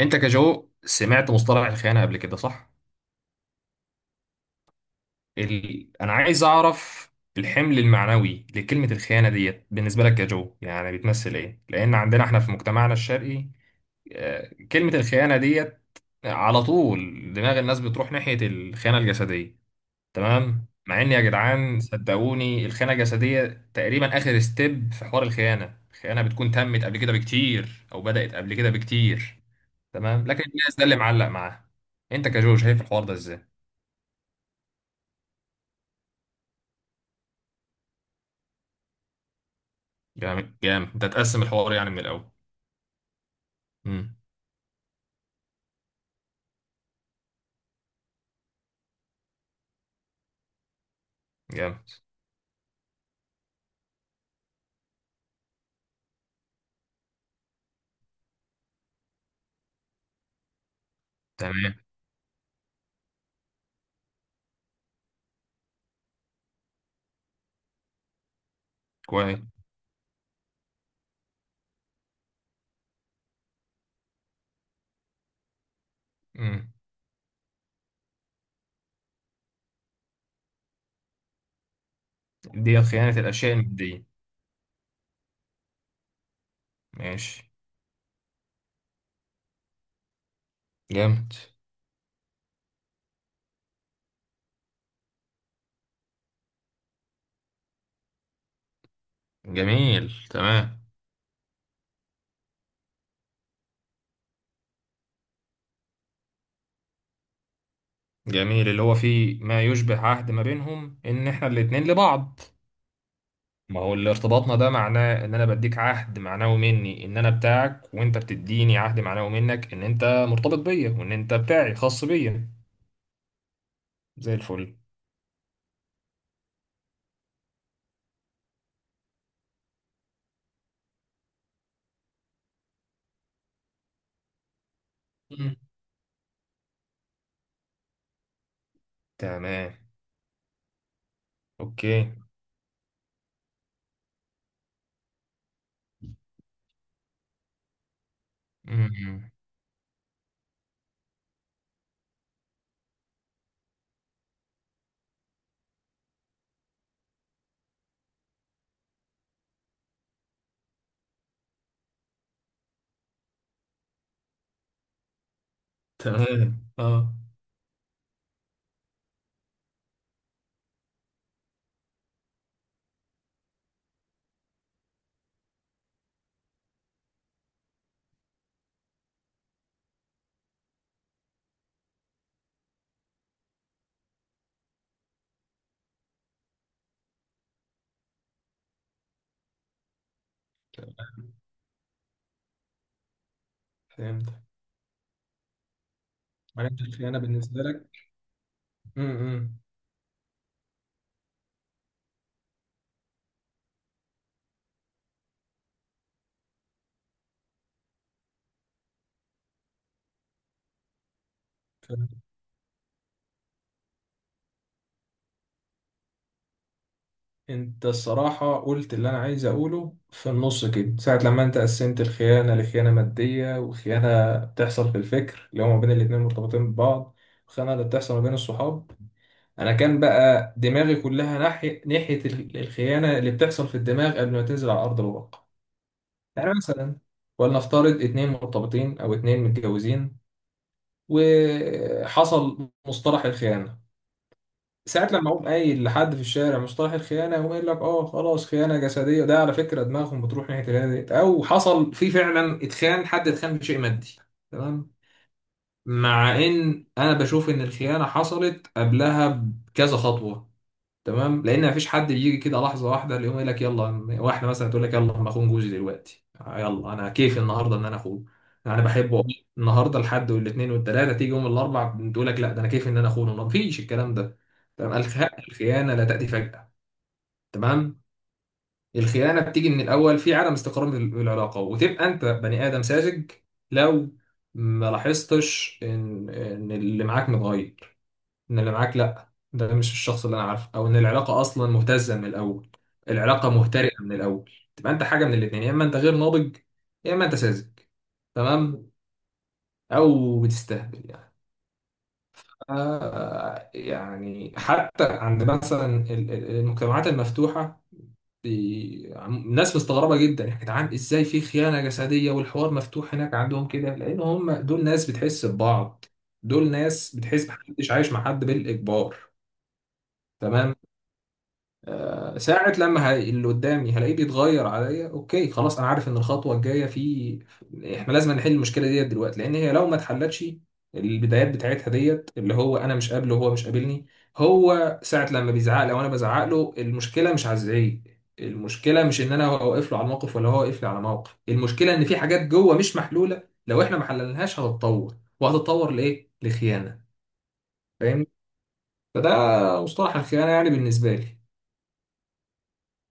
انت كجو سمعت مصطلح الخيانه قبل كده صح؟ انا عايز اعرف الحمل المعنوي لكلمه الخيانه ديت بالنسبه لك كجو، يعني بتمثل ايه؟ لان عندنا احنا في مجتمعنا الشرقي كلمه الخيانه ديت على طول دماغ الناس بتروح ناحيه الخيانه الجسديه. تمام، مع ان يا جدعان صدقوني الخيانه الجسديه تقريبا اخر ستيب في حوار الخيانه بتكون تمت قبل كده بكتير او بدات قبل كده بكتير. تمام، لكن الناس ده اللي معلق معاه. انت كجو شايف الحوار ده ازاي؟ جامد، جامد. انت هتقسم الحوار يعني من الاول؟ امم جامد. تمام. كويس. امم دي خيانة الاشياء المادية. ماشي. جامد. جميل، تمام. جميل، اللي هو فيه ما يشبه عهد ما بينهم ان احنا الاتنين لبعض. ما هو اللي ارتباطنا ده معناه ان انا بديك عهد معنوي مني ان انا بتاعك، وانت بتديني عهد معنوي منك ان انت مرتبط بيا وان انت بتاعي خاص بيا. زي الفل. مم. تمام. اوكي. مم. تمام. اه. فهمت. ملكش الخيانة بالنسبة لك. امم. انت الصراحة قلت اللي انا عايز اقوله في النص كده ساعة، لما انت قسمت الخيانة لخيانة مادية وخيانة بتحصل في الفكر اللي هما بين الاتنين مرتبطين ببعض، والخيانة اللي بتحصل ما بين الصحاب. انا كان بقى دماغي كلها ناحية الخيانة اللي بتحصل في الدماغ قبل ما تنزل على ارض الواقع. يعني مثلا، ولنفترض اتنين مرتبطين او اتنين متجوزين وحصل مصطلح الخيانة، ساعة لما اقوم قايل لحد في الشارع مصطلح الخيانة يقوم قايل لك اه خلاص خيانة جسدية. ده على فكرة دماغهم بتروح ناحية الهادي ديت، أو حصل في فعلا اتخان، حد اتخان بشيء مادي. تمام، مع إن أنا بشوف إن الخيانة حصلت قبلها بكذا خطوة. تمام، لان مفيش حد بيجي كده لحظه واحده اللي يقوم يقول لك يلا، واحده مثلا تقول لك يلا انا اخون جوزي دلوقتي، يلا انا كيف النهارده ان انا اخونه. انا بحبه والله. النهارده الحد والاثنين والثلاثه، تيجي يوم الاربع تقول لك لا، ده انا كيف ان انا اخونه؟ ما فيش الكلام ده. تمام. الخيانه لا تاتي فجاه. تمام. الخيانه بتيجي من الاول في عدم استقرار في العلاقه، وتبقى انت بني ادم ساذج لو ما لاحظتش ان اللي معاك متغير، ان اللي معاك لا، ده مش الشخص اللي انا عارفه، او ان العلاقه اصلا مهتزه من الاول. العلاقه مهترئه من الاول تبقى انت حاجه من الاثنين، يا اما انت غير ناضج يا اما انت ساذج. تمام. او بتستهبل يعني. يعني حتى عند مثلا المجتمعات المفتوحه، ناس مستغربه جدا يا جدعان ازاي في خيانه جسديه والحوار مفتوح هناك عندهم كده، لان هم دول ناس بتحس ببعض. دول ناس بتحس، محدش عايش مع حد بالاجبار. تمام. ساعة لما اللي قدامي هلاقيه بيتغير عليا اوكي خلاص انا عارف ان الخطوة الجاية في احنا لازم نحل المشكلة ديت دلوقتي، لان هي لو ما اتحلتش البدايات بتاعتها ديت، اللي هو انا مش قابله وهو مش قابلني. هو ساعة لما بيزعق لو انا بزعق له المشكلة مش هزعيه. المشكلة مش ان انا واقف له على الموقف ولا هو واقف لي على موقف، المشكلة ان في حاجات جوه مش محلولة، لو احنا ما حللناهاش هتتطور وهتتطور لايه؟ لخيانة. فاهمني؟ فده مصطلح الخيانة يعني بالنسبة لي.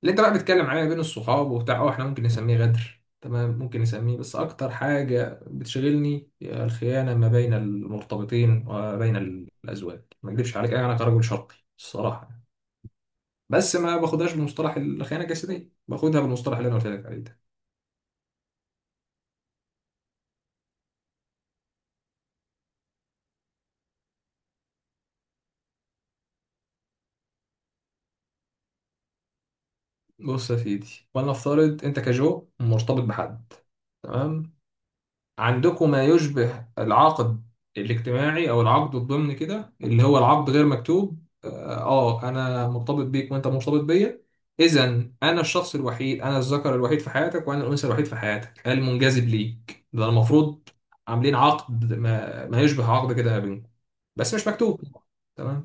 اللي انت بقى بتتكلم عليها بين الصحاب وبتاع اه، احنا ممكن نسميه غدر. تمام، ممكن نسميه، بس اكتر حاجة بتشغلني هي الخيانة ما بين المرتبطين وبين الازواج. ما اكذبش عليك انا كرجل شرقي الصراحة يعني. بس ما باخدهاش بمصطلح الخيانة الجسدية، باخدها بالمصطلح اللي انا قلت لك عليه ده. بص يا سيدي، ولنفترض انت كجو مرتبط بحد. تمام. عندكم ما يشبه العقد الاجتماعي او العقد الضمني كده، اللي هو العقد غير مكتوب اه. انا مرتبط بيك وانت مرتبط بيا، اذا انا الشخص الوحيد، انا الذكر الوحيد في حياتك وانا الانثى الوحيد في حياتك المنجذب ليك، ده المفروض. عاملين عقد ما يشبه عقد كده ما بينكم، بس مش مكتوب. تمام.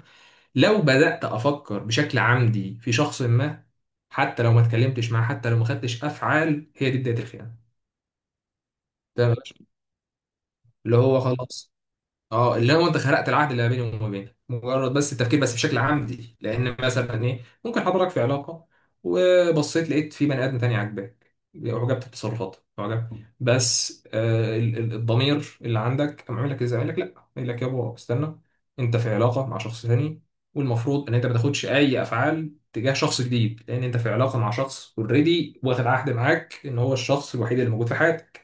لو بدأت افكر بشكل عمدي في شخص ما، حتى لو ما اتكلمتش معاه، حتى لو ما خدتش افعال، هي دي بداية الخيانة. تمام. اللي هو خلاص اه، اللي هو انت خرقت العهد اللي ما بيني وما بينك مجرد بس التفكير، بس بشكل عمدي. لان مثلا ايه، ممكن حضرتك في علاقه وبصيت لقيت في بني ادم تاني عاجباك، اعجبت بتصرفاته، اعجبت، بس آه الضمير اللي عندك قام عامل لك ازاي؟ قال لك لا، قال لك يابا استنى، انت في علاقه مع شخص تاني، والمفروض ان انت ما تاخدش اي افعال تجاه شخص جديد، لان انت في علاقه مع شخص اوريدي واخد عهد معاك ان هو الشخص الوحيد اللي موجود في حياتك.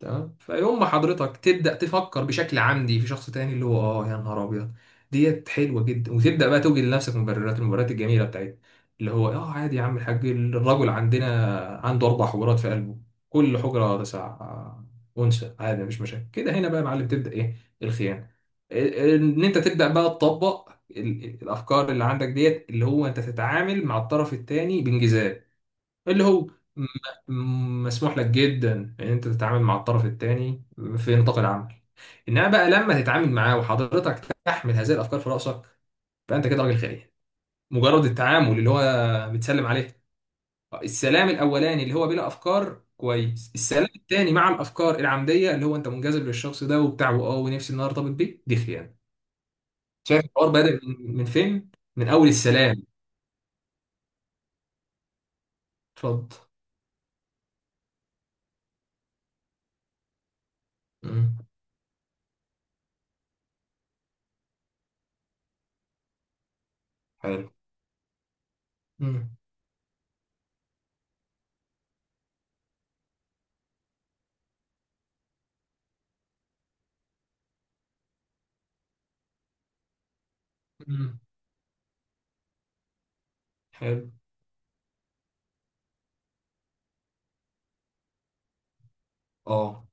تمام. فيوم ما حضرتك تبدأ تفكر بشكل عمدي في شخص تاني، اللي هو اه يا نهار ابيض ديت حلوة جدا، وتبدأ بقى توجد لنفسك مبررات، المبررات الجميلة بتاعتها اللي هو اه عادي يا عم الحاج، الرجل عندنا عنده أربع حجرات في قلبه، كل حجرة تسع أنثى، عادي مش مشاكل كده. هنا بقى يا معلم تبدأ إيه؟ الخيانة. إن أنت تبدأ بقى تطبق الأفكار اللي عندك ديت، اللي هو أنت تتعامل مع الطرف التاني بانجذاب، اللي هو م- مسموح لك جدا ان انت تتعامل مع الطرف الثاني في نطاق العمل، انما بقى لما تتعامل معاه وحضرتك تحمل هذه الافكار في راسك، فانت كده راجل خاين. مجرد التعامل، اللي هو بتسلم عليه، السلام الاولاني اللي هو بلا افكار كويس، السلام الثاني مع الافكار العمديه اللي هو انت منجذب للشخص ده وبتاع واه ونفسي ان انا ارتبط بيه، دي خيانه. شايف الحوار بادئ من فين؟ من اول السلام. اتفضل. مم. حلو. مم. مم. حلو. اه.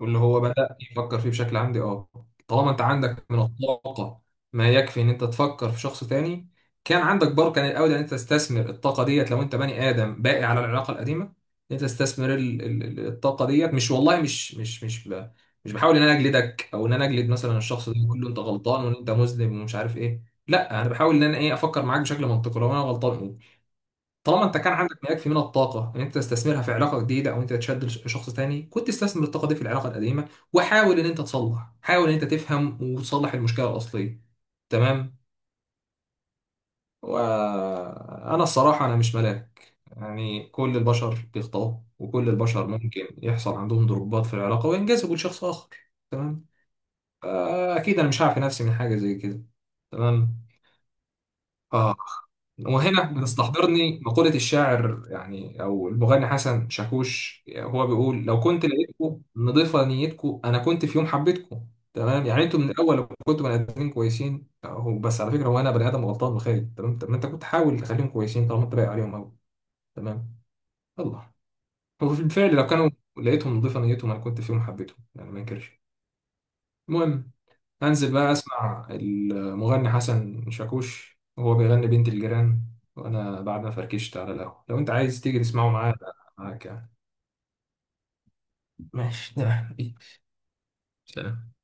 واللي هو بدأ يفكر فيه بشكل عمدي اه، طالما انت عندك من الطاقة ما يكفي ان انت تفكر في شخص تاني، كان عندك بركة من الاول ان انت تستثمر الطاقة ديت لو انت بني ادم باقي على العلاقة القديمة، ان انت تستثمر الطاقة ديت. مش والله مش بحاول ان انا اجلدك او ان انا اجلد مثلا الشخص ده واقول له انت غلطان وان انت مذنب ومش عارف ايه، لا انا بحاول ان انا ايه، افكر معاك بشكل منطقي، لو انا غلطان قول. طالما انت كان عندك ما يكفي من الطاقه ان انت تستثمرها في علاقه جديده او انت تشد شخص تاني، كنت استثمر الطاقه دي في العلاقه القديمه وحاول ان انت تصلح، حاول ان انت تفهم وتصلح المشكله الاصليه. تمام. وانا الصراحه انا مش ملاك يعني، كل البشر بيخطئوا وكل البشر ممكن يحصل عندهم ضربات في العلاقه وينجذبوا لشخص اخر. تمام. اكيد انا مش هعفي نفسي من حاجه زي كده. تمام. آه. وهنا بتستحضرني مقولة الشاعر يعني أو المغني حسن شاكوش، هو بيقول لو كنت لقيتكم نضيفة نيتكم أنا كنت في يوم حبيتكم. تمام، يعني أنتوا من الأول لو كنتوا بني آدمين كويسين، هو بس على فكرة هو أنا بني آدم غلطان وخايب، تمام، طب ما أنت كنت حاول تخليهم كويسين طالما أنت باقي عليهم أوي. تمام. الله. وفي الفعل لو كانوا لقيتهم نضيفة نيتهم أنا كنت في يوم حبيتهم، يعني ما أنكرش. المهم، انزل بقى اسمع المغني حسن شاكوش وهو بيغني بنت الجيران وانا بعد ما فركشت على القهوه، لو انت عايز تيجي تسمعه معايا أنا معاك يعني. ماشي، تمام. سلام.